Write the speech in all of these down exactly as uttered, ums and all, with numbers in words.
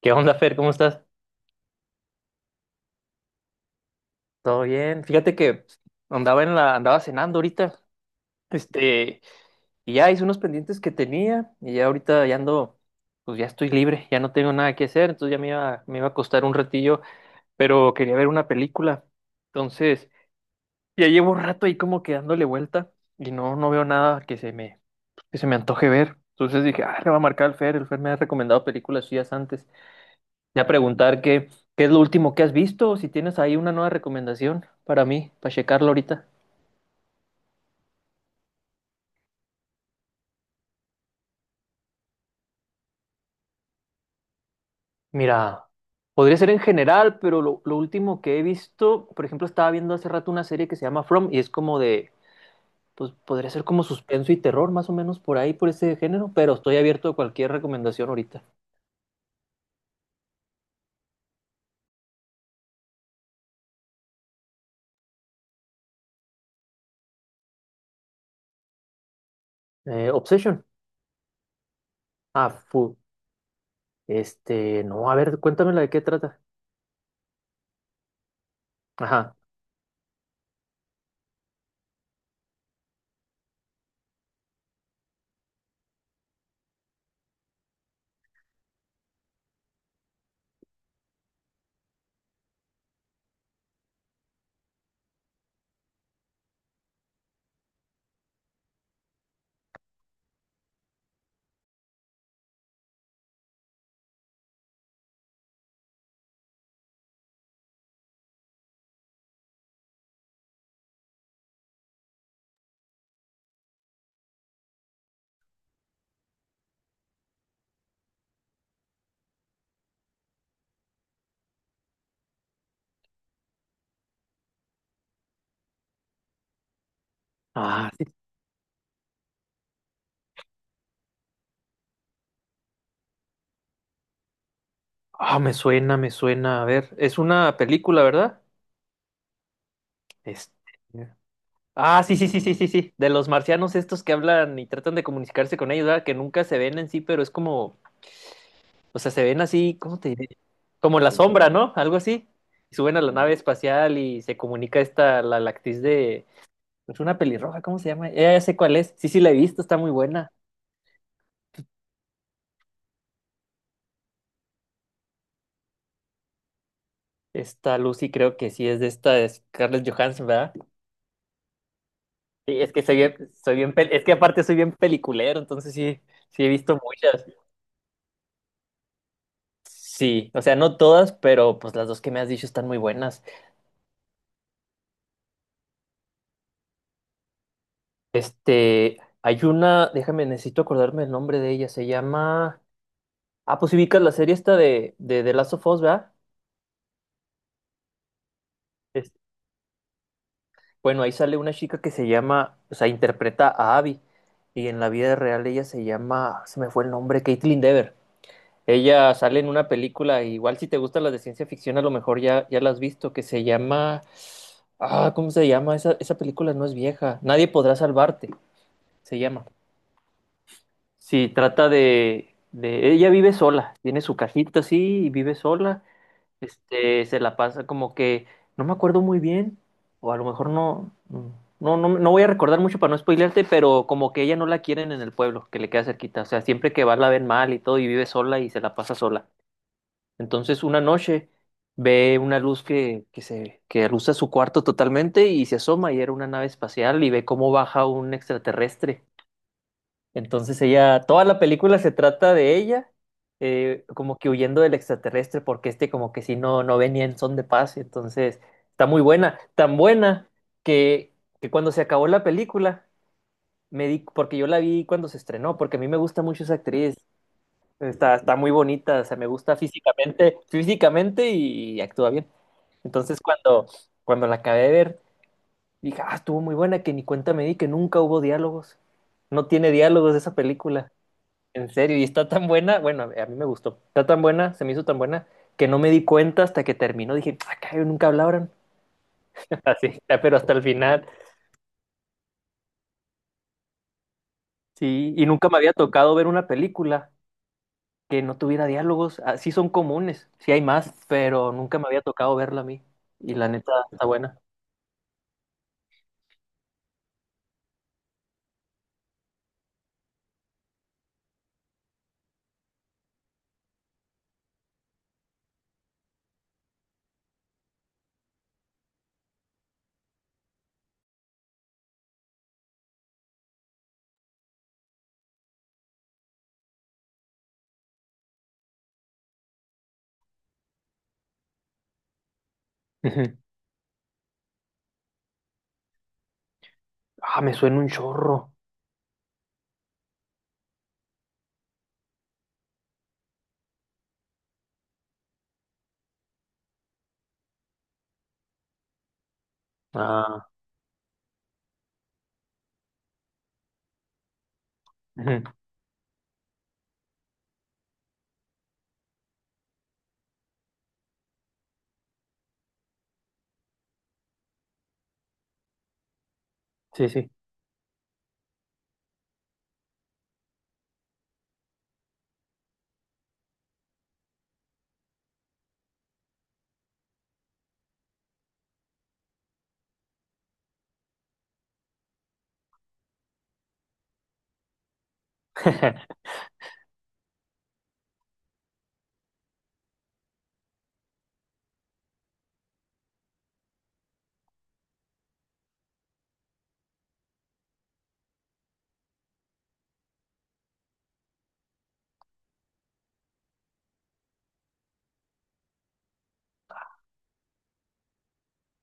¿Qué onda, Fer? ¿Cómo estás? ¿Todo bien? Fíjate que andaba en la, andaba cenando ahorita, este, y ya hice unos pendientes que tenía, y ya ahorita ya ando, pues ya estoy libre, ya no tengo nada que hacer, entonces ya me iba, me iba a costar un ratillo, pero quería ver una película. Entonces, ya llevo un rato ahí como que dándole vuelta, y no, no veo nada que se me, que se me antoje ver. Entonces dije, ah, le va a marcar al Fer, el Fer me ha recomendado películas suyas antes. Voy a preguntar qué, qué es lo último que has visto, o si tienes ahí una nueva recomendación para mí, para checarlo ahorita. Mira, podría ser en general, pero lo, lo último que he visto, por ejemplo, estaba viendo hace rato una serie que se llama From y es como de, pues podría ser como suspenso y terror, más o menos por ahí, por ese género, pero estoy abierto a cualquier recomendación ahorita. Eh, Obsession. Ah, fu. Este, no, a ver, cuéntamela de qué trata. Ajá. Ah, sí. Ah, me suena, me suena. A ver, es una película, ¿verdad? Este. Ah, sí, sí, sí, sí, sí, sí. De los marcianos estos que hablan y tratan de comunicarse con ellos, ¿verdad? Que nunca se ven en sí, pero es como, o sea, se ven así, ¿cómo te diré? Como la sombra, ¿no? Algo así. Y suben a la nave espacial y se comunica esta, la, la actriz de, es una pelirroja, ¿cómo se llama? Ya, ya sé cuál es. Sí, sí, la he visto, está muy buena. Esta Lucy creo que sí es de esta, es Scarlett Johansson, ¿verdad? Sí, es que soy bien, soy bien, pel- es que aparte soy bien peliculero, entonces sí, sí he visto muchas. Sí, o sea, no todas, pero pues las dos que me has dicho están muy buenas. Este, hay una, déjame, necesito acordarme el nombre de ella, se llama... Ah, pues si ubicas la serie esta de, de The Last of Us, ¿verdad? Es- bueno, ahí sale una chica que se llama, o sea, interpreta a Abby, y en la vida real ella se llama, se me fue el nombre, Caitlin Dever. Ella sale en una película, igual si te gustan las de ciencia ficción, a lo mejor ya, ya la has visto, que se llama... Ah, ¿cómo se llama? Esa, esa película no es vieja. Nadie podrá salvarte, se llama. Sí, trata de, de... Ella vive sola, tiene su cajita así y vive sola. Este, se la pasa como que... No me acuerdo muy bien, o a lo mejor no... No, no, no voy a recordar mucho para no spoilearte, pero como que ella no la quieren en el pueblo, que le queda cerquita. O sea, siempre que va la ven mal y todo y vive sola y se la pasa sola. Entonces una noche ve una luz que, que se que alusa su cuarto totalmente y se asoma y era una nave espacial y ve cómo baja un extraterrestre, entonces ella, toda la película se trata de ella, eh, como que huyendo del extraterrestre, porque este como que si no, no venía en son de paz, entonces está muy buena, tan buena que, que cuando se acabó la película, me di, porque yo la vi cuando se estrenó, porque a mí me gusta mucho esa actriz, está, está muy bonita, o sea, me gusta físicamente, físicamente y actúa bien. Entonces cuando, Cuando la acabé de ver, dije, ah, estuvo muy buena, que ni cuenta me di que nunca hubo diálogos, no tiene diálogos esa película. En serio, y está tan buena, bueno, a mí me gustó, está tan buena, se me hizo tan buena, que no me di cuenta hasta que terminó, dije, acá nunca hablaron, así, ya, pero hasta el final, sí, y nunca me había tocado ver una película que no tuviera diálogos, ah. Sí, son comunes, sí hay más, pero nunca me había tocado verla a mí, y la neta está buena. Ujú. Ah, me suena un chorro. Ah, ujú, sí, sí.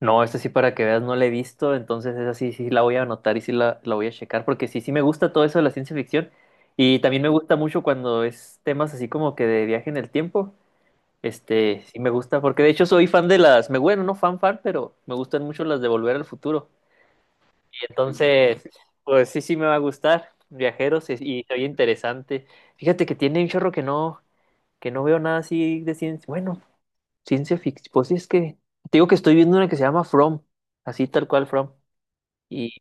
No, esta sí para que veas, no la he visto, entonces esa sí, sí la voy a anotar y sí la, la voy a checar, porque sí, sí me gusta todo eso de la ciencia ficción y también me gusta mucho cuando es temas así como que de viaje en el tiempo, este, sí me gusta, porque de hecho soy fan de las, me bueno, no fan fan, pero me gustan mucho las de Volver al Futuro, y entonces, pues sí, sí me va a gustar, viajeros, es- y soy interesante. Fíjate que tiene un chorro que no, que no veo nada así de ciencia, bueno, ciencia ficción, pues sí es que, te digo que estoy viendo una que se llama From, así tal cual From. Y,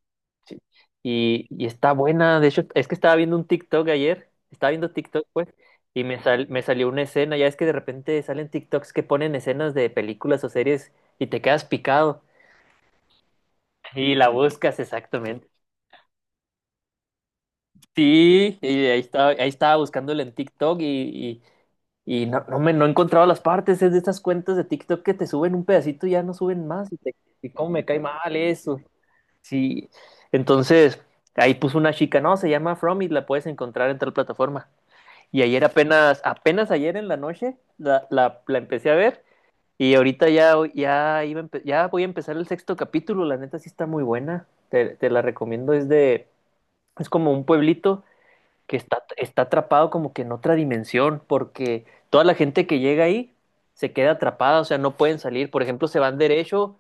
sí, y, y está buena. De hecho, es que estaba viendo un TikTok ayer. Estaba viendo TikTok, pues. Y me, sal- me salió una escena. Ya es que de repente salen TikToks que ponen escenas de películas o series y te quedas picado. Y la buscas exactamente. Sí, y ahí estaba, ahí estaba buscándola en TikTok y, y, y no, no me no he encontrado las partes. Es de estas cuentas de TikTok que te suben un pedacito y ya no suben más. Y, te, y cómo me cae mal eso. Sí, entonces ahí puso una chica, no, se llama From y la puedes encontrar en tal plataforma. Y ayer apenas, apenas ayer en la noche la, la, la empecé a ver y ahorita ya, ya, iba a empe- ya voy a empezar el sexto capítulo, la neta sí está muy buena, te, te la recomiendo, es de, es como un pueblito que está, está atrapado como que en otra dimensión, porque toda la gente que llega ahí se queda atrapada, o sea, no pueden salir, por ejemplo, se van derecho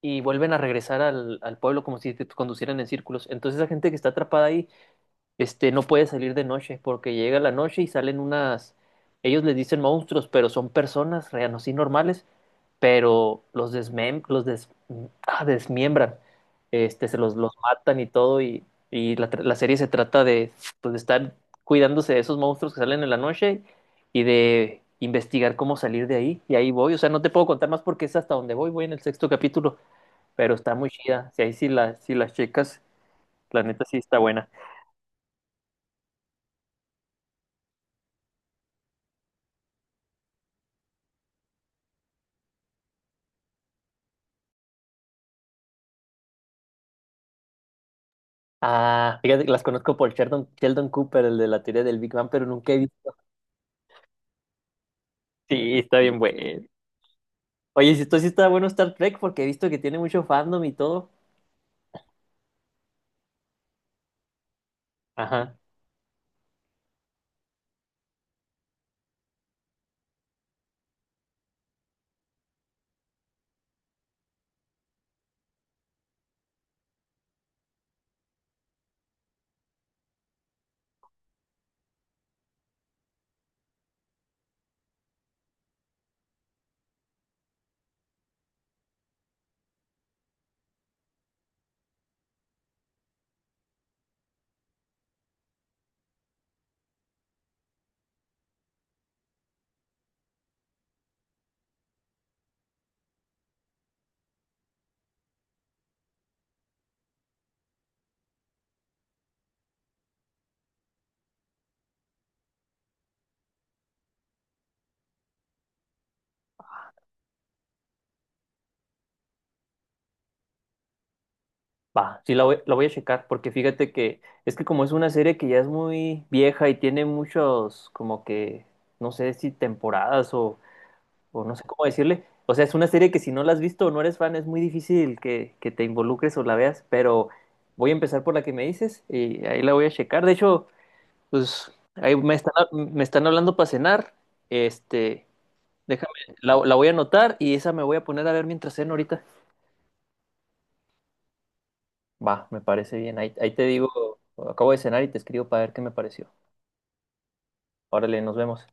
y vuelven a regresar al, al pueblo como si te conducieran en círculos. Entonces esa gente que está atrapada ahí, este, no puede salir de noche porque llega la noche y salen unas, ellos les dicen monstruos, pero son personas reanos y normales, pero los desmem, los des- ah, desmiembran, este, se los, los matan y todo y, y la, tra- la serie se trata de, pues, de estar cuidándose de esos monstruos que salen en la noche y de investigar cómo salir de ahí y ahí voy, o sea, no te puedo contar más porque es hasta donde voy, voy en el sexto capítulo, pero está muy chida. Si ahí sí, la, sí las chicas, la neta sí está buena. Ah, fíjate que las conozco por Sheldon, Sheldon Cooper, el de la teoría del Big Bang, pero nunca he visto. Sí, está bien bueno. Oye, si esto sí está bueno Star Trek, porque he visto que tiene mucho fandom y todo. Ajá. Va, sí la voy, la voy a checar, porque fíjate que es que como es una serie que ya es muy vieja y tiene muchos, como que, no sé si temporadas o o no sé cómo decirle. O sea, es una serie que si no la has visto o no eres fan, es muy difícil que, que te involucres o la veas, pero voy a empezar por la que me dices y ahí la voy a checar. De hecho, pues ahí me están, me están hablando para cenar. Este, Déjame, la, la voy a anotar y esa me voy a poner a ver mientras ceno ahorita. Va, me parece bien. Ahí, ahí te digo, acabo de cenar y te escribo para ver qué me pareció. Órale, nos vemos.